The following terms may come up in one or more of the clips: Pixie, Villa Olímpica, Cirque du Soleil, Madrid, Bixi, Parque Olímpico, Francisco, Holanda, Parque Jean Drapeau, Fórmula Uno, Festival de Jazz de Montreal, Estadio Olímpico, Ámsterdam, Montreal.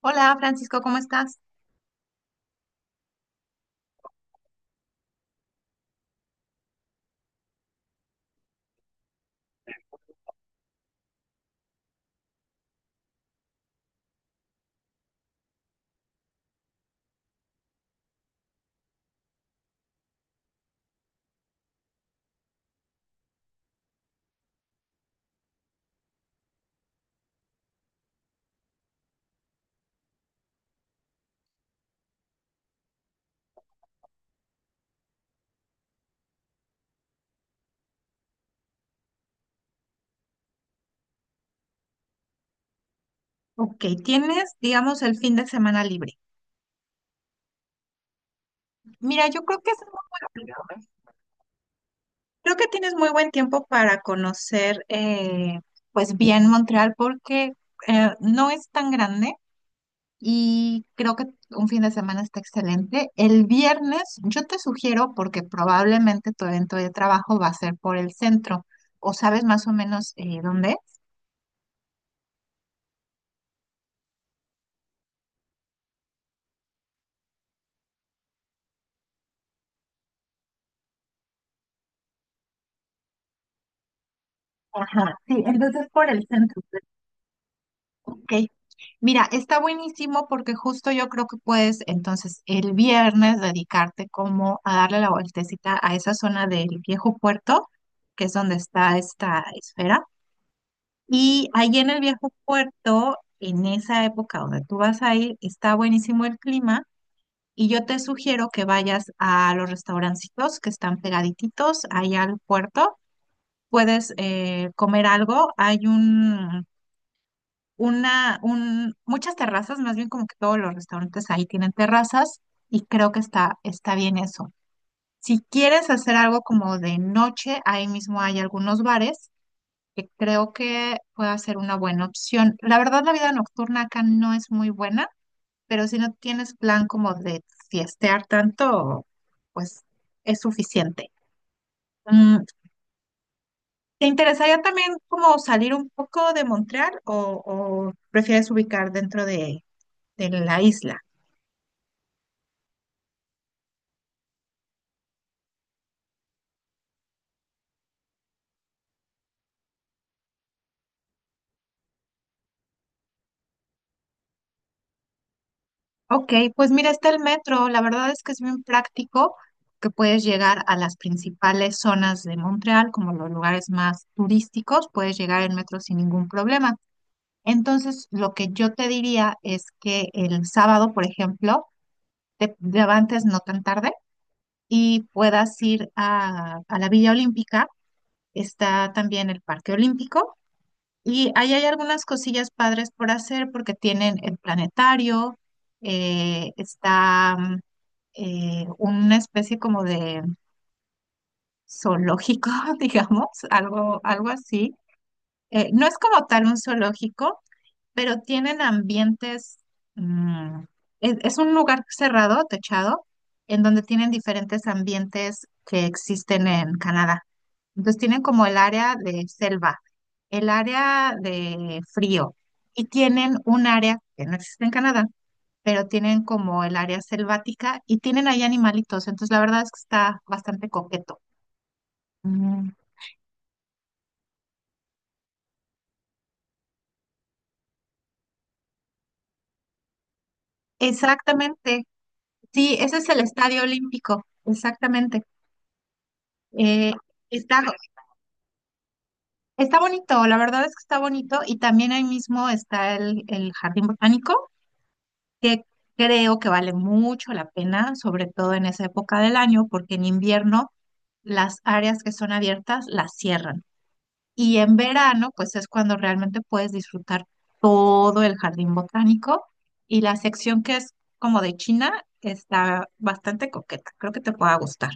Hola Francisco, ¿cómo estás? Ok, tienes, digamos, el fin de semana libre. Mira, yo creo que es algo muy bueno. Creo que tienes muy buen tiempo para conocer, pues bien Montreal, porque no es tan grande y creo que un fin de semana está excelente. El viernes, yo te sugiero, porque probablemente tu evento de trabajo va a ser por el centro, o sabes más o menos dónde es. Ajá, sí, entonces por el centro. Ok. Mira, está buenísimo porque justo yo creo que puedes entonces el viernes dedicarte como a darle la vueltecita a esa zona del viejo puerto, que es donde está esta esfera. Y ahí en el viejo puerto, en esa época donde tú vas a ir, está buenísimo el clima. Y yo te sugiero que vayas a los restaurancitos que están pegaditos allá al puerto. Puedes comer algo. Hay un una, un, Muchas terrazas, más bien como que todos los restaurantes ahí tienen terrazas y creo que está bien eso. Si quieres hacer algo como de noche, ahí mismo hay algunos bares que creo que puede ser una buena opción. La verdad, la vida nocturna acá no es muy buena, pero si no tienes plan como de fiestear tanto, pues es suficiente. Mm, ¿Te interesaría también como salir un poco de Montreal o prefieres ubicar dentro de la isla? Ok, pues mira, está el metro. La verdad es que es bien práctico que puedes llegar a las principales zonas de Montreal, como los lugares más turísticos, puedes llegar en metro sin ningún problema. Entonces, lo que yo te diría es que el sábado, por ejemplo, te levantes no tan tarde y puedas ir a la Villa Olímpica. Está también el Parque Olímpico. Y ahí hay algunas cosillas padres por hacer porque tienen el planetario, eh, está mm, una especie como de zoológico, digamos, algo, algo así. No es como tal un zoológico, pero tienen ambientes, mm, es un lugar cerrado, techado, en donde tienen diferentes ambientes que existen en Canadá. Entonces tienen como el área de selva, el área de frío y tienen un área que no existe en Canadá, pero tienen como el área selvática y tienen ahí animalitos. Entonces la verdad es que está bastante coqueto. Mm. Exactamente. Sí, ese es el Estadio Olímpico. Exactamente. Eh, Está Está bonito, la verdad es que está bonito y también ahí mismo está el jardín botánico, que creo que vale mucho la pena, sobre todo en esa época del año, porque en invierno las áreas que son abiertas las cierran y en verano pues es cuando realmente puedes disfrutar todo el jardín botánico y la sección que es como de China está bastante coqueta, creo que te pueda gustar.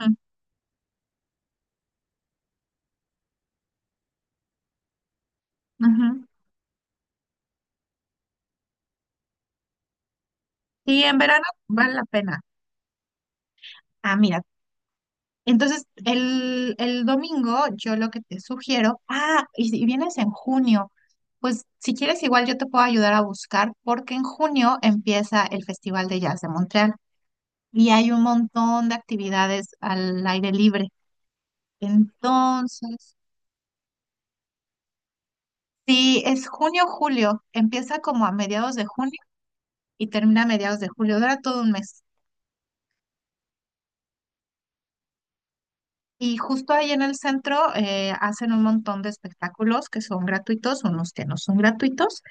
Mm, ujú. Y en verano vale la pena. Ah, mira. Entonces, el domingo yo lo que te sugiero, ah, y si vienes en junio, pues si quieres igual yo te puedo ayudar a buscar porque en junio empieza el Festival de Jazz de Montreal y hay un montón de actividades al aire libre. Entonces, si es junio, julio, empieza como a mediados de junio y termina a mediados de julio, dura todo un mes. Y justo ahí en el centro hacen un montón de espectáculos que son gratuitos, unos que no son gratuitos,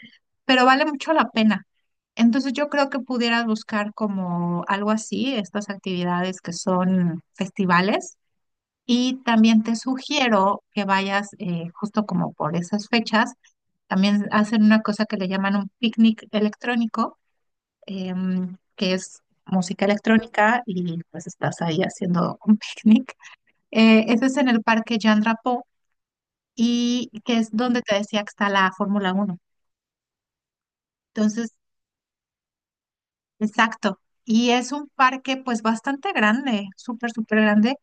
pero vale mucho la pena. Entonces yo creo que pudieras buscar como algo así, estas actividades que son festivales. Y también te sugiero que vayas justo como por esas fechas. También hacen una cosa que le llaman un picnic electrónico, que es música electrónica y pues estás ahí haciendo un picnic. Ese es en el Parque Jean Drapeau y que es donde te decía que está la Fórmula Uno. Entonces, Exacto. Y es un parque pues bastante grande, súper, súper grande.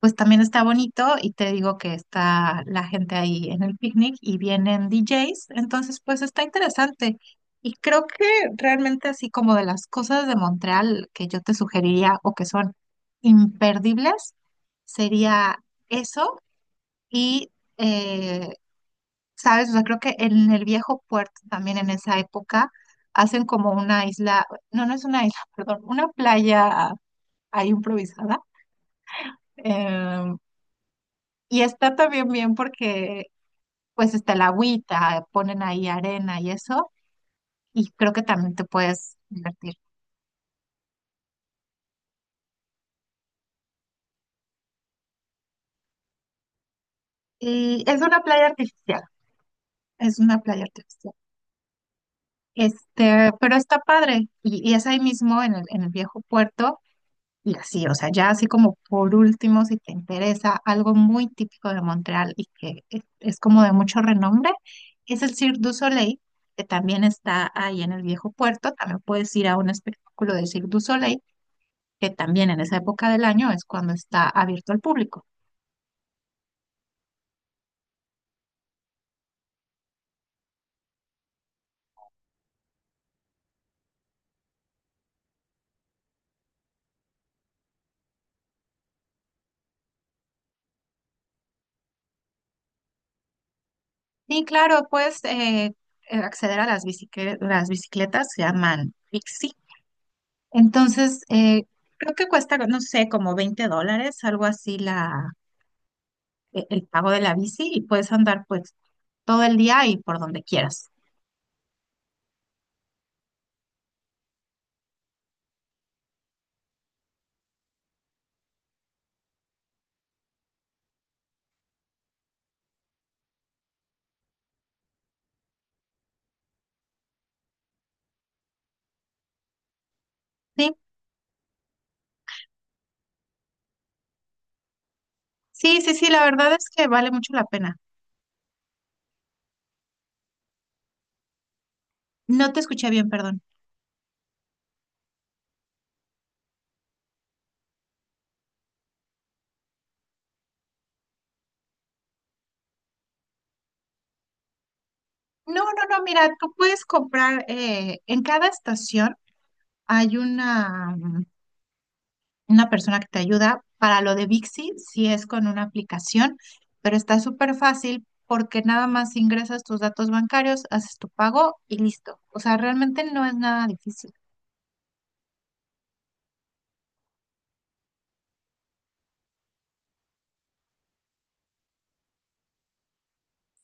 Pues también está bonito y te digo que está la gente ahí en el picnic y vienen DJs. Entonces pues está interesante. Y creo que realmente así como de las cosas de Montreal que yo te sugeriría o que son imperdibles, sería eso y... eh, ¿Sabes? O sea, creo que en el viejo puerto también en esa época hacen como una isla, no es una isla, perdón, una playa ahí improvisada. em, y está también bien porque pues está el agüita, ponen ahí arena y eso, y creo que también te puedes divertir. Y es una playa artificial, es una playa artificial. Este, pero está padre, y es ahí mismo en en el viejo puerto. Y así, o sea, ya así como por último, si te interesa algo muy típico de Montreal y que es como de mucho renombre, es el Cirque du Soleil, que también está ahí en el viejo puerto. También puedes ir a un espectáculo de Cirque du Soleil, que también en esa época del año es cuando está abierto al público. Y claro, puedes acceder a las bicicletas se llaman Pixie. Entonces, creo que cuesta, no sé, como 20 dólares, algo así la e- el pago de la bici y puedes andar pues todo el día y por donde quieras. Sí, sí, sí, sí, la verdad es que vale mucho la pena. No te escuché bien, perdón. No, no, no, mira, tú puedes comprar, en cada estación hay una persona que te ayuda. Para lo de Bixi, si es con una aplicación, pero está súper fácil porque nada más ingresas tus datos bancarios, haces tu pago y listo. O sea, realmente no es nada difícil.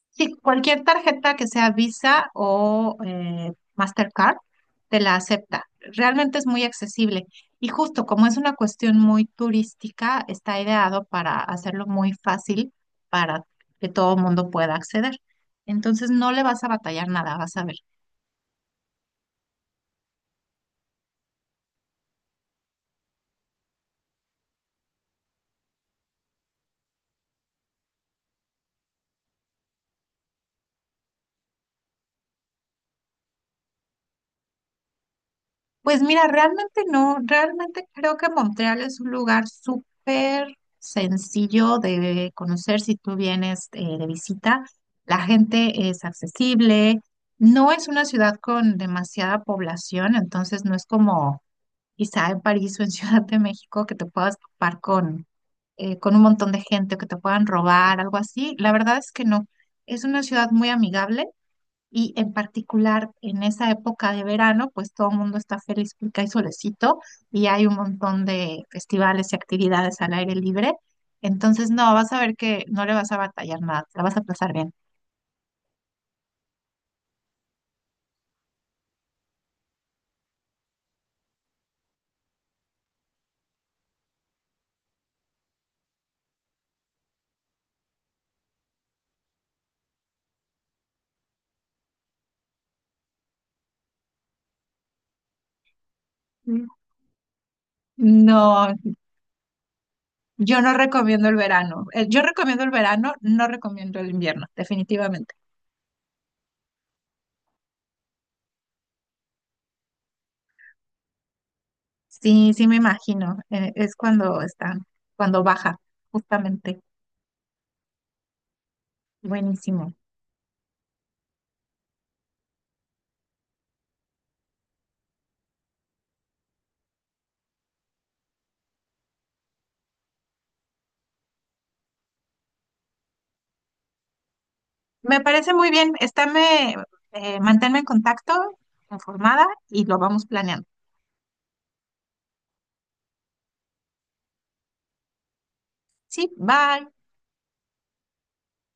Sí, cualquier tarjeta que sea Visa o Mastercard te la acepta. Realmente es muy accesible. Y justo como es una cuestión muy turística, está ideado para hacerlo muy fácil para que todo el mundo pueda acceder. Entonces no le vas a batallar nada, vas a ver. Pues mira, realmente no, realmente creo que Montreal es un lugar súper sencillo de conocer si tú vienes de visita. La gente es accesible, no es una ciudad con demasiada población, entonces no es como quizá en París o en Ciudad de México que te puedas topar con un montón de gente o que te puedan robar, algo así. La verdad es que no, es una ciudad muy amigable y en particular en esa época de verano, pues todo el mundo está feliz porque hay solecito y hay un montón de festivales y actividades al aire libre. Entonces, no, vas a ver que no le vas a batallar nada, te la vas a pasar bien. Mm. No, yo no recomiendo el verano. Yo recomiendo el verano, no recomiendo el invierno, definitivamente. Sí, sí me imagino, es cuando está, cuando baja, justamente. Buenísimo. Me parece muy bien. Estáme, manténme en contacto, informada y lo vamos planeando. Sí, bye.